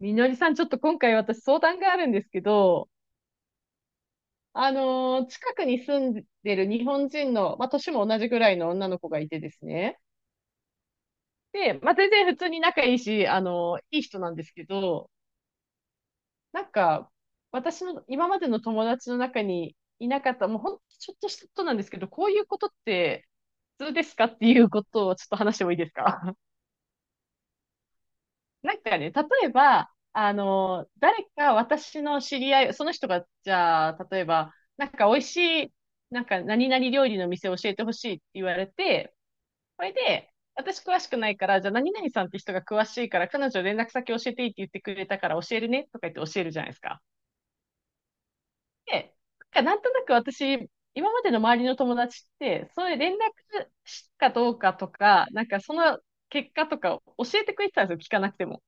みのりさん、ちょっと今回私相談があるんですけど、近くに住んでる日本人の、まあ、年も同じぐらいの女の子がいてですね。で、まあ、全然普通に仲いいし、いい人なんですけど、なんか、私の今までの友達の中にいなかった、もうほんとちょっとしたことなんですけど、こういうことって普通ですかっていうことをちょっと話してもいいですか。例えば、誰か私の知り合い、その人が、じゃあ、例えば、なんか美味しい、なんか何々料理の店を教えてほしいって言われて、それで、私詳しくないから、じゃあ何々さんって人が詳しいから、彼女連絡先教えていいって言ってくれたから教えるねとか言って教えるじゃないですか。で、なんかなんとなく私、今までの周りの友達って、そういう連絡したかどうかとか、なんかその結果とか教えてくれてたんですよ、聞かなくても。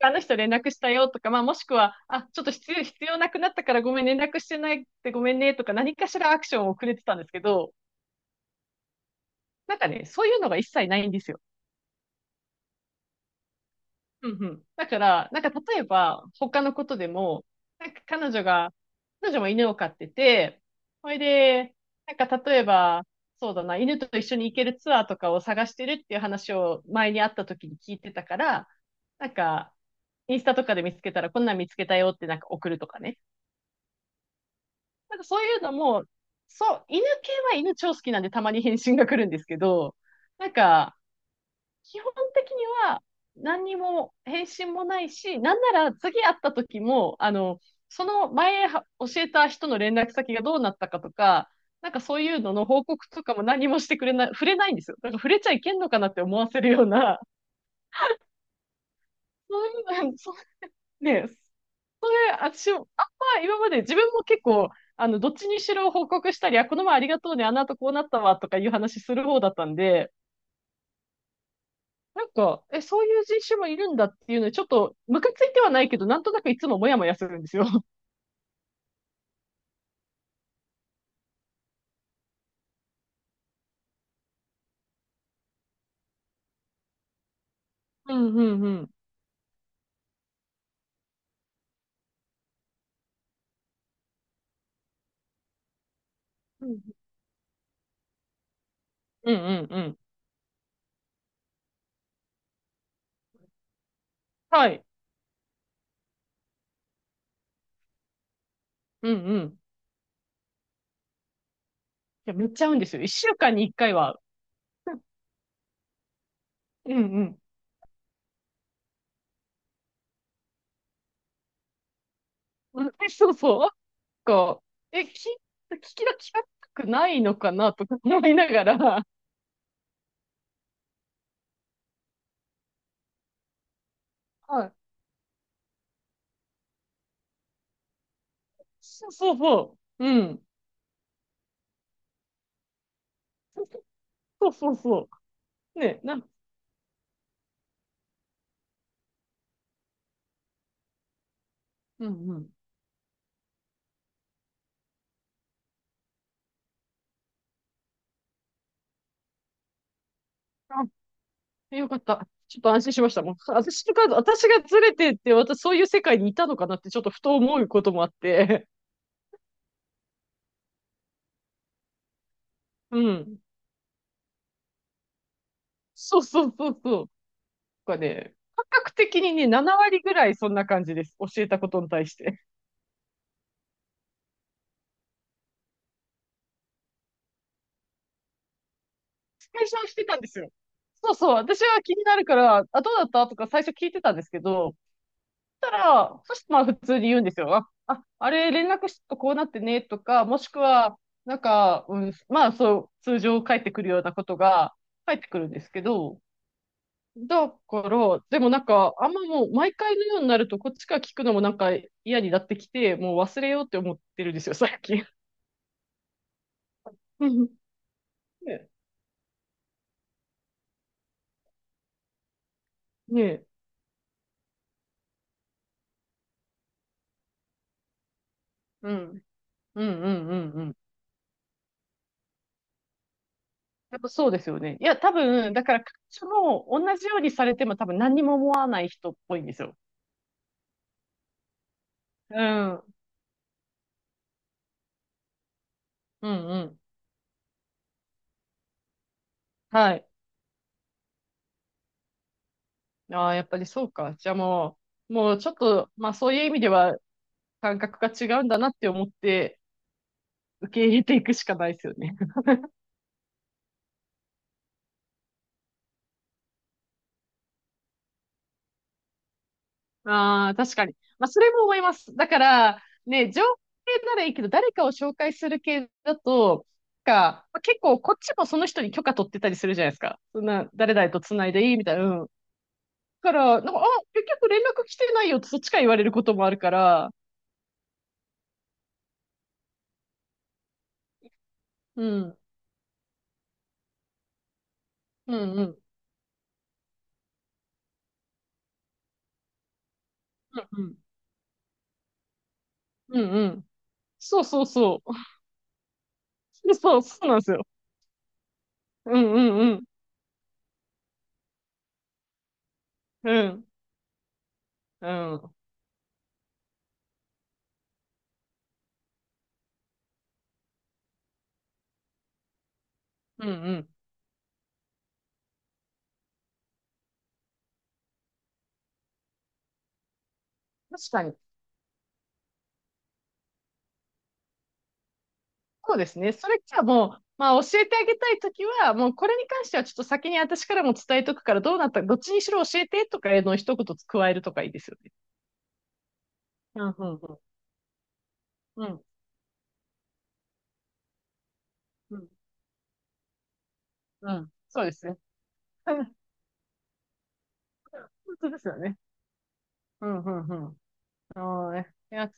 あの人連絡したよとか、まあ、もしくは、あ、ちょっと必要なくなったからごめん、連絡してないってごめんねとか、何かしらアクションをくれてたんですけど、なんかね、そういうのが一切ないんですよ。うんうん。だから、なんか例えば、他のことでも、なんか彼女が、彼女も犬を飼ってて、それで、なんか例えば、そうだな、犬と一緒に行けるツアーとかを探してるっていう話を前に会った時に聞いてたから、なんか、インスタとかで見つけたら、こんなん見つけたよってなんか送るとかね。なんかそういうのも、そう、犬系は犬超好きなんでたまに返信が来るんですけど、なんか、基本的には何にも返信もないし、なんなら次会った時も、その前は教えた人の連絡先がどうなったかとか、なんかそういうのの報告とかも何もしてくれない、触れないんですよ。なんから触れちゃいけんのかなって思わせるような、そういう、そうね、私も、あんま今まで自分も結構、どっちにしろ報告したり、あ、この前ありがとうね、あの後こうなったわ、とかいう話する方だったんで、なんか、え、そういう人種もいるんだっていうのに、ちょっと、ムカついてはないけど、なんとなくいつもモヤモヤするんですよ。うんうんうん。うんうんうんうん。はい。うんうん。いや、めっちゃ合うんですよ。一週間に一回は。うんうん。うんえそうそう。なんか、え、聞、聞きだ、聞かたくないのかな、とか思いながら。はい。そうそうそう。うん。そうそうそう。ね、な、うんうん。あ、よかった。ちょっと安心しました。もう、私とか、私がずれてって、私そういう世界にいたのかなって、ちょっとふと思うこともあって。うん。そうそうそうそう。なんかね、感覚的にね、7割ぐらいそんな感じです。教えたことに対して。最初はしてたんですよ。そうそう。私は気になるから、あ、どうだったとか最初聞いてたんですけど、たら、そしてまあ普通に言うんですよ。あ、ああれ連絡しとこうなってねとか、もしくは、なんか、うん、まあそう、通常返ってくるようなことが返ってくるんですけど、だから、でもなんか、あんまもう毎回のようになると、こっちから聞くのもなんか嫌になってきて、もう忘れようって思ってるんですよ、最近。ねえ。ねえ。うん。うんうんうんうん。やっぱそうですよね。いや、多分、だから、彼女も同じようにされても多分何にも思わない人っぽいんですよ。うん。うんうん。はい。ああ、やっぱりそうか。じゃあもう、もうちょっと、まあそういう意味では感覚が違うんだなって思って受け入れていくしかないですよね。ああ、確かに。まあそれも思います。だから、ね、情報系ならいいけど、誰かを紹介する系だと、なんか、まあ、結構こっちもその人に許可取ってたりするじゃないですか。そんな、誰々と繋いでいいみたいな。うん。だから、なんか、あ、結局連絡来てないよってそっちから言われることもあるから、うん、うん、うん、うん、うん、うん、うん。そうそうそう。そうそうなんですよ。うんうんうん。うん。うん。うんうん。確かに。そうですね。それじゃあもう、まあ教えてあげたいときは、もうこれに関してはちょっと先に私からも伝えとくから、どうなった、どっちにしろ教えてとかへのを一言加えるとかいいですよね。うんうんうん。うんうんうん。そうですね。うん本当ですよね。うんうんうん。はい。いや、ち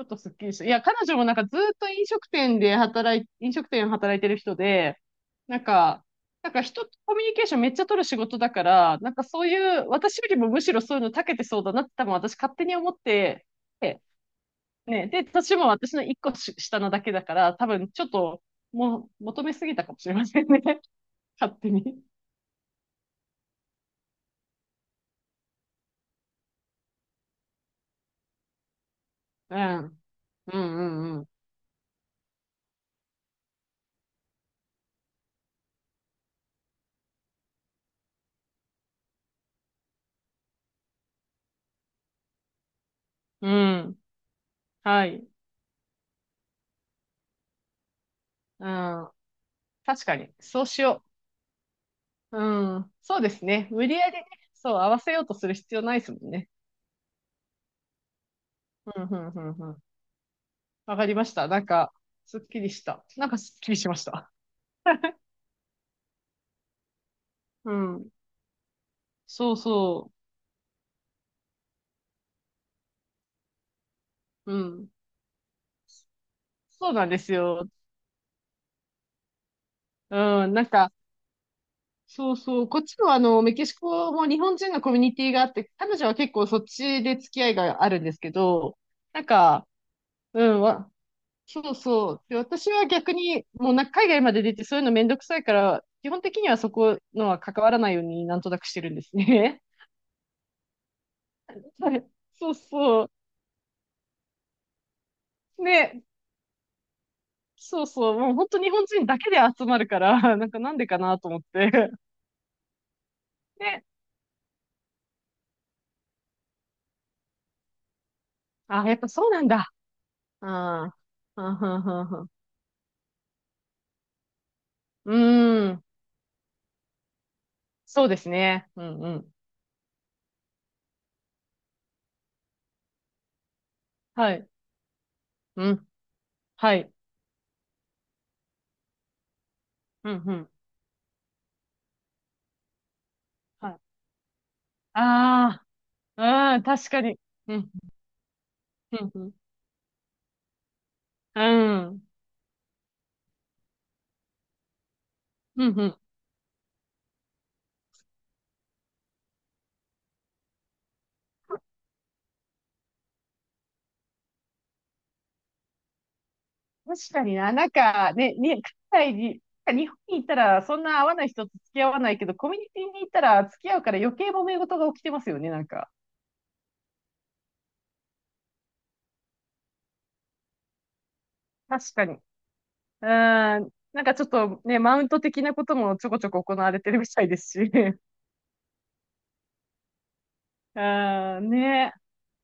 ょっとすっきりした。いや、彼女もなんかずっと飲食店で働いてる人で、なんか、なんか人とコミュニケーションめっちゃ取る仕事だから、なんかそういう、私よりもむしろそういうの長けてそうだなって多分私勝手に思って、でね、で、年も私の一個し下なだけだから、多分ちょっと、もう、求めすぎたかもしれませんね。勝手に。うん。うんうんうん。うん。はい。うん。確かに。そうしよう。うん。そうですね。無理やりね、そう、合わせようとする必要ないですもんね。うん、うん、うん、うん。わかりました。なんか、すっきりした。なんかすっきりしました。うん。そうそう。うん。そうなんですよ。うん。なんか、そうそう。こっちもあの、メキシコも日本人のコミュニティがあって、彼女は結構そっちで付き合いがあるんですけど、なんか、うん、わそうそう。で、私は逆に、もうな、海外まで出てそういうのめんどくさいから、基本的にはそこのは関わらないようになんとなくしてるんですね。はい。そうそう。ね、そうそう。もう本当日本人だけで集まるから、なんかなんでかなと思って。ね。あ、やっぱそうなんだ。ああ。はんはんはんはん。うーん。そうですね。うんうん。はい。うん。はい。うんうん。はい。ああ。うん。確かに。うん。うんうん。うん。うんうん確かにな、なんかね、に、海外に、なんか日本に行ったらそんな会わない人と付き合わないけど、コミュニティに行ったら付き合うから余計揉め事が起きてますよね、なんか。確かに。うーん、なんかちょっとね、マウント的なこともちょこちょこ行われてるみたいですし。うーん、ね。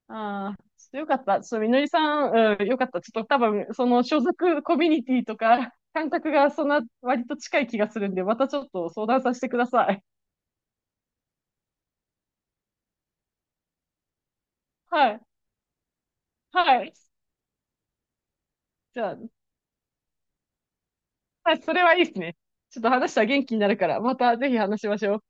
あーちょっとよかった。ちょっとみのりさん、うん、よかった。ちょっと多分、その所属コミュニティとか、感覚がそんな割と近い気がするんで、またちょっと相談させてください。はい。はい。じゃあ。はい、それはいいですね。ちょっと話したら元気になるから、またぜひ話しましょう。